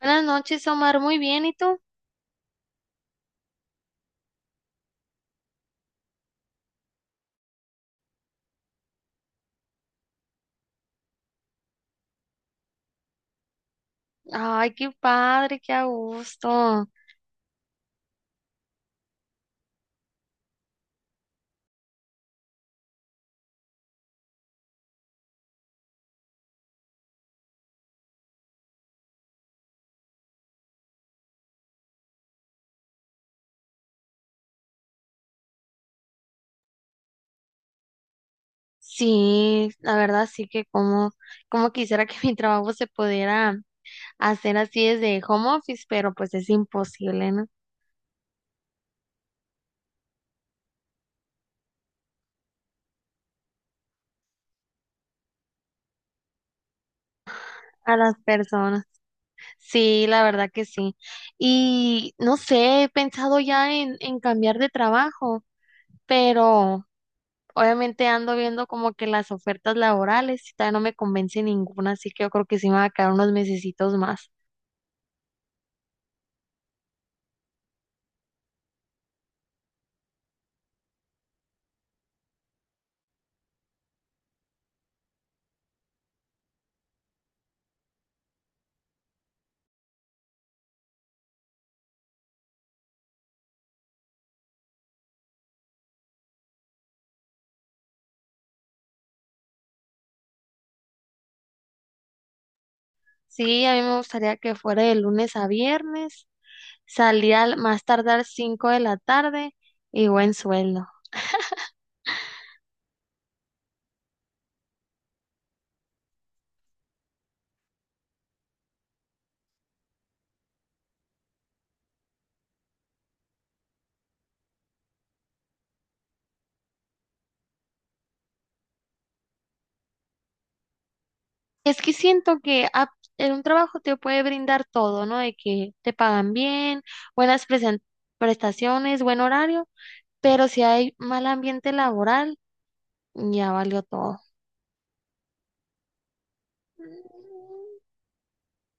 Buenas noches, Omar. Muy bien, ¿y tú? Ay, qué padre, qué a gusto. Sí, la verdad sí que como, como quisiera que mi trabajo se pudiera hacer así desde home office, pero pues es imposible, ¿no? A las personas. Sí, la verdad que sí. Y no sé, he pensado ya en cambiar de trabajo, pero obviamente ando viendo como que las ofertas laborales y todavía no me convence ninguna, así que yo creo que sí me va a quedar unos mesecitos más. Sí, a mí me gustaría que fuera de lunes a viernes, salía al más tardar 5 de la tarde y buen sueldo. Es que siento que en un trabajo te puede brindar todo, ¿no? De que te pagan bien, buenas presen- prestaciones, buen horario, pero si hay mal ambiente laboral, ya valió todo.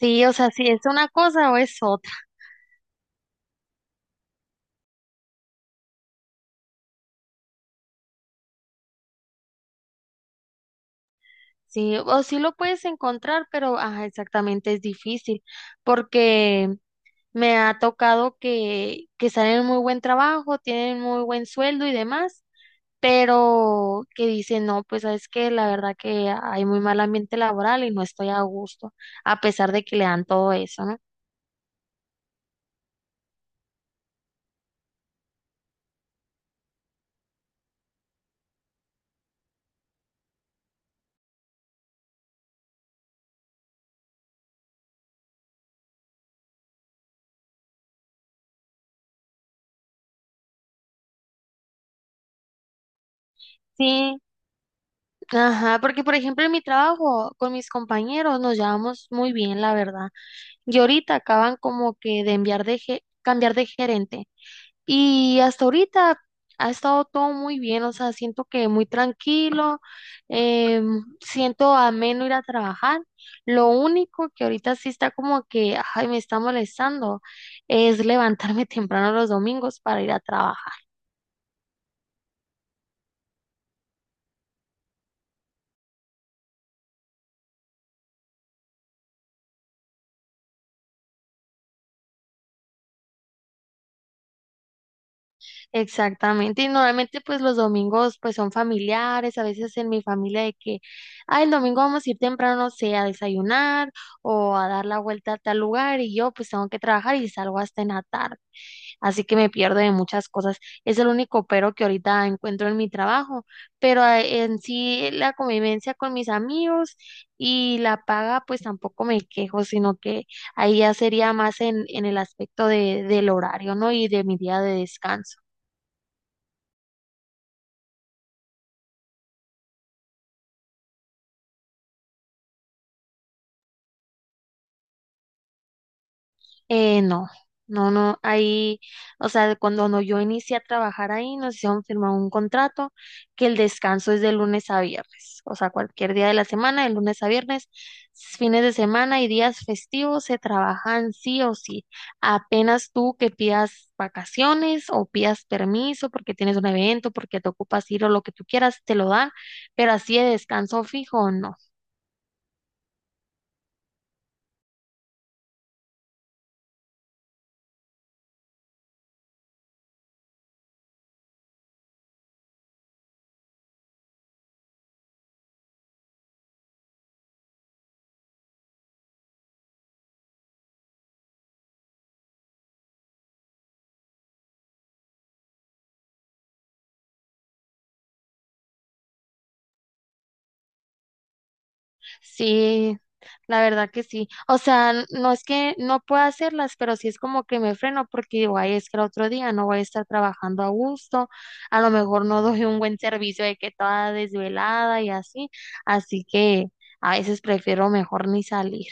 Sí, o sea, si es una cosa o es otra. Sí, o sí lo puedes encontrar, pero ajá, exactamente es difícil porque me ha tocado que están en muy buen trabajo, tienen muy buen sueldo y demás, pero que dicen, no, pues sabes que la verdad que hay muy mal ambiente laboral y no estoy a gusto, a pesar de que le dan todo eso, ¿no? Sí, ajá, porque por ejemplo en mi trabajo con mis compañeros nos llevamos muy bien, la verdad. Y ahorita acaban como que de cambiar de gerente. Y hasta ahorita ha estado todo muy bien, o sea, siento que muy tranquilo, eh, siento ameno ir a trabajar. Lo único que ahorita sí está como que, ay, me está molestando, es levantarme temprano los domingos para ir a trabajar. Exactamente, y normalmente pues los domingos pues son familiares, a veces en mi familia de que, ah, el domingo vamos a ir temprano, no sé, a desayunar o a dar la vuelta a tal lugar y yo pues tengo que trabajar y salgo hasta en la tarde, así que me pierdo de muchas cosas, es el único pero que ahorita encuentro en mi trabajo, pero ah, en sí la convivencia con mis amigos y la paga pues tampoco me quejo, sino que ahí ya sería más en el aspecto de, del horario, ¿no? Y de mi día de descanso. No, no, no, ahí, o sea, de cuando no, yo inicié a trabajar ahí, nos hicieron firmar un contrato que el descanso es de lunes a viernes, o sea, cualquier día de la semana, de lunes a viernes, fines de semana y días festivos se trabajan sí o sí. Apenas tú que pidas vacaciones o pidas permiso porque tienes un evento, porque te ocupas ir o lo que tú quieras, te lo dan, pero así de descanso fijo, no. Sí, la verdad que sí. O sea, no es que no pueda hacerlas, pero sí es como que me freno porque digo, ay, es que el otro día no voy a estar trabajando a gusto, a lo mejor no doy un buen servicio de que toda desvelada y así. Así que a veces prefiero mejor ni salir.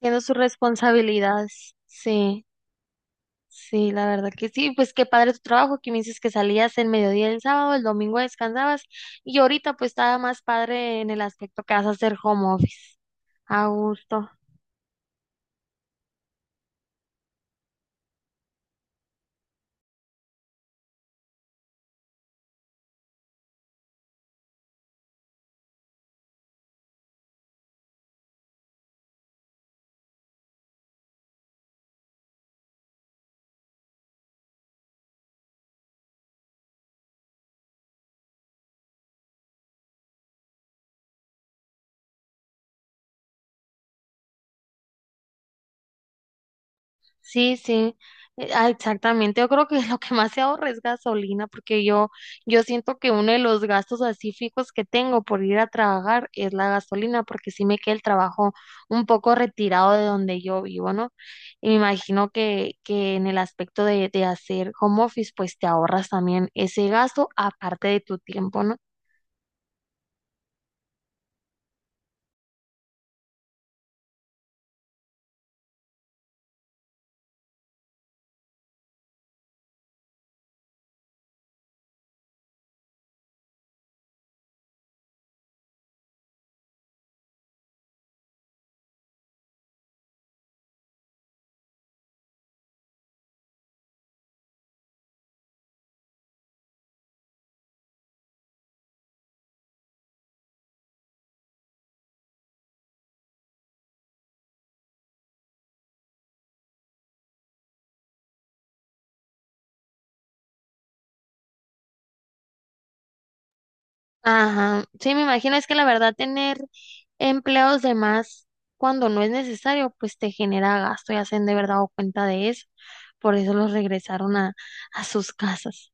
Tiene sus responsabilidades. Sí, sí, la verdad que sí. Pues qué padre tu trabajo, que me dices que salías el mediodía del sábado, el domingo descansabas y ahorita pues estaba más padre en el aspecto que vas a hacer home office. A gusto. Sí, sí, exactamente. Yo creo que lo que más se ahorra es gasolina, porque yo siento que uno de los gastos así fijos que tengo por ir a trabajar es la gasolina, porque sí me queda el trabajo un poco retirado de donde yo vivo, ¿no? Y me imagino que en el aspecto de hacer home office, pues te ahorras también ese gasto aparte de tu tiempo, ¿no? Ajá, sí, me imagino, es que la verdad tener empleados de más cuando no es necesario, pues te genera gasto y hacen de verdad o cuenta de eso. Por eso los regresaron a sus casas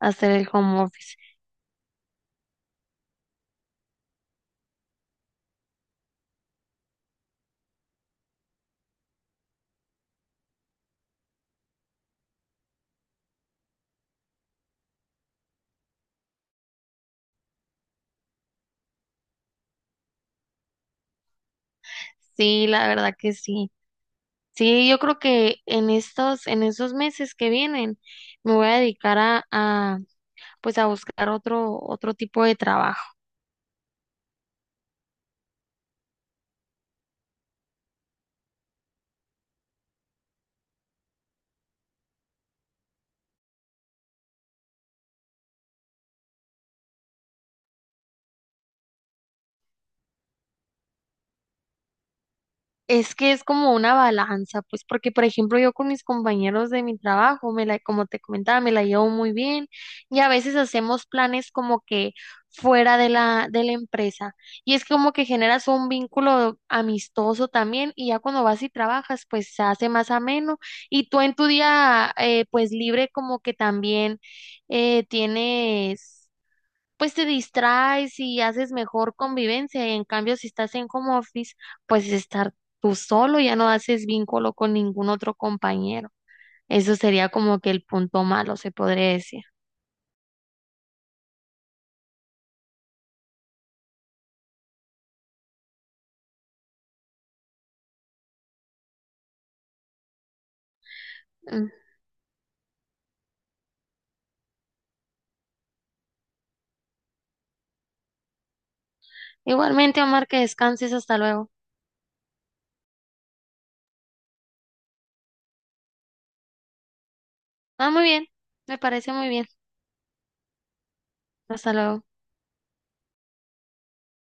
a hacer el home office. Sí, la verdad que sí. Sí, yo creo que en esos meses que vienen, me voy a dedicar a buscar otro tipo de trabajo. Es que es como una balanza, pues porque por ejemplo yo con mis compañeros de mi trabajo, me la, como te comentaba, me la llevo muy bien y a veces hacemos planes como que fuera de la empresa y es como que generas un vínculo amistoso también y ya cuando vas y trabajas pues se hace más ameno y tú en tu día pues libre como que también tienes pues te distraes y haces mejor convivencia. Y en cambio, si estás en home office, pues estar tú solo, ya no haces vínculo con ningún otro compañero. Eso sería como que el punto malo, se podría decir. Mm. Igualmente, Omar, que descanses, hasta luego. Ah, muy bien, me parece muy bien. Hasta luego.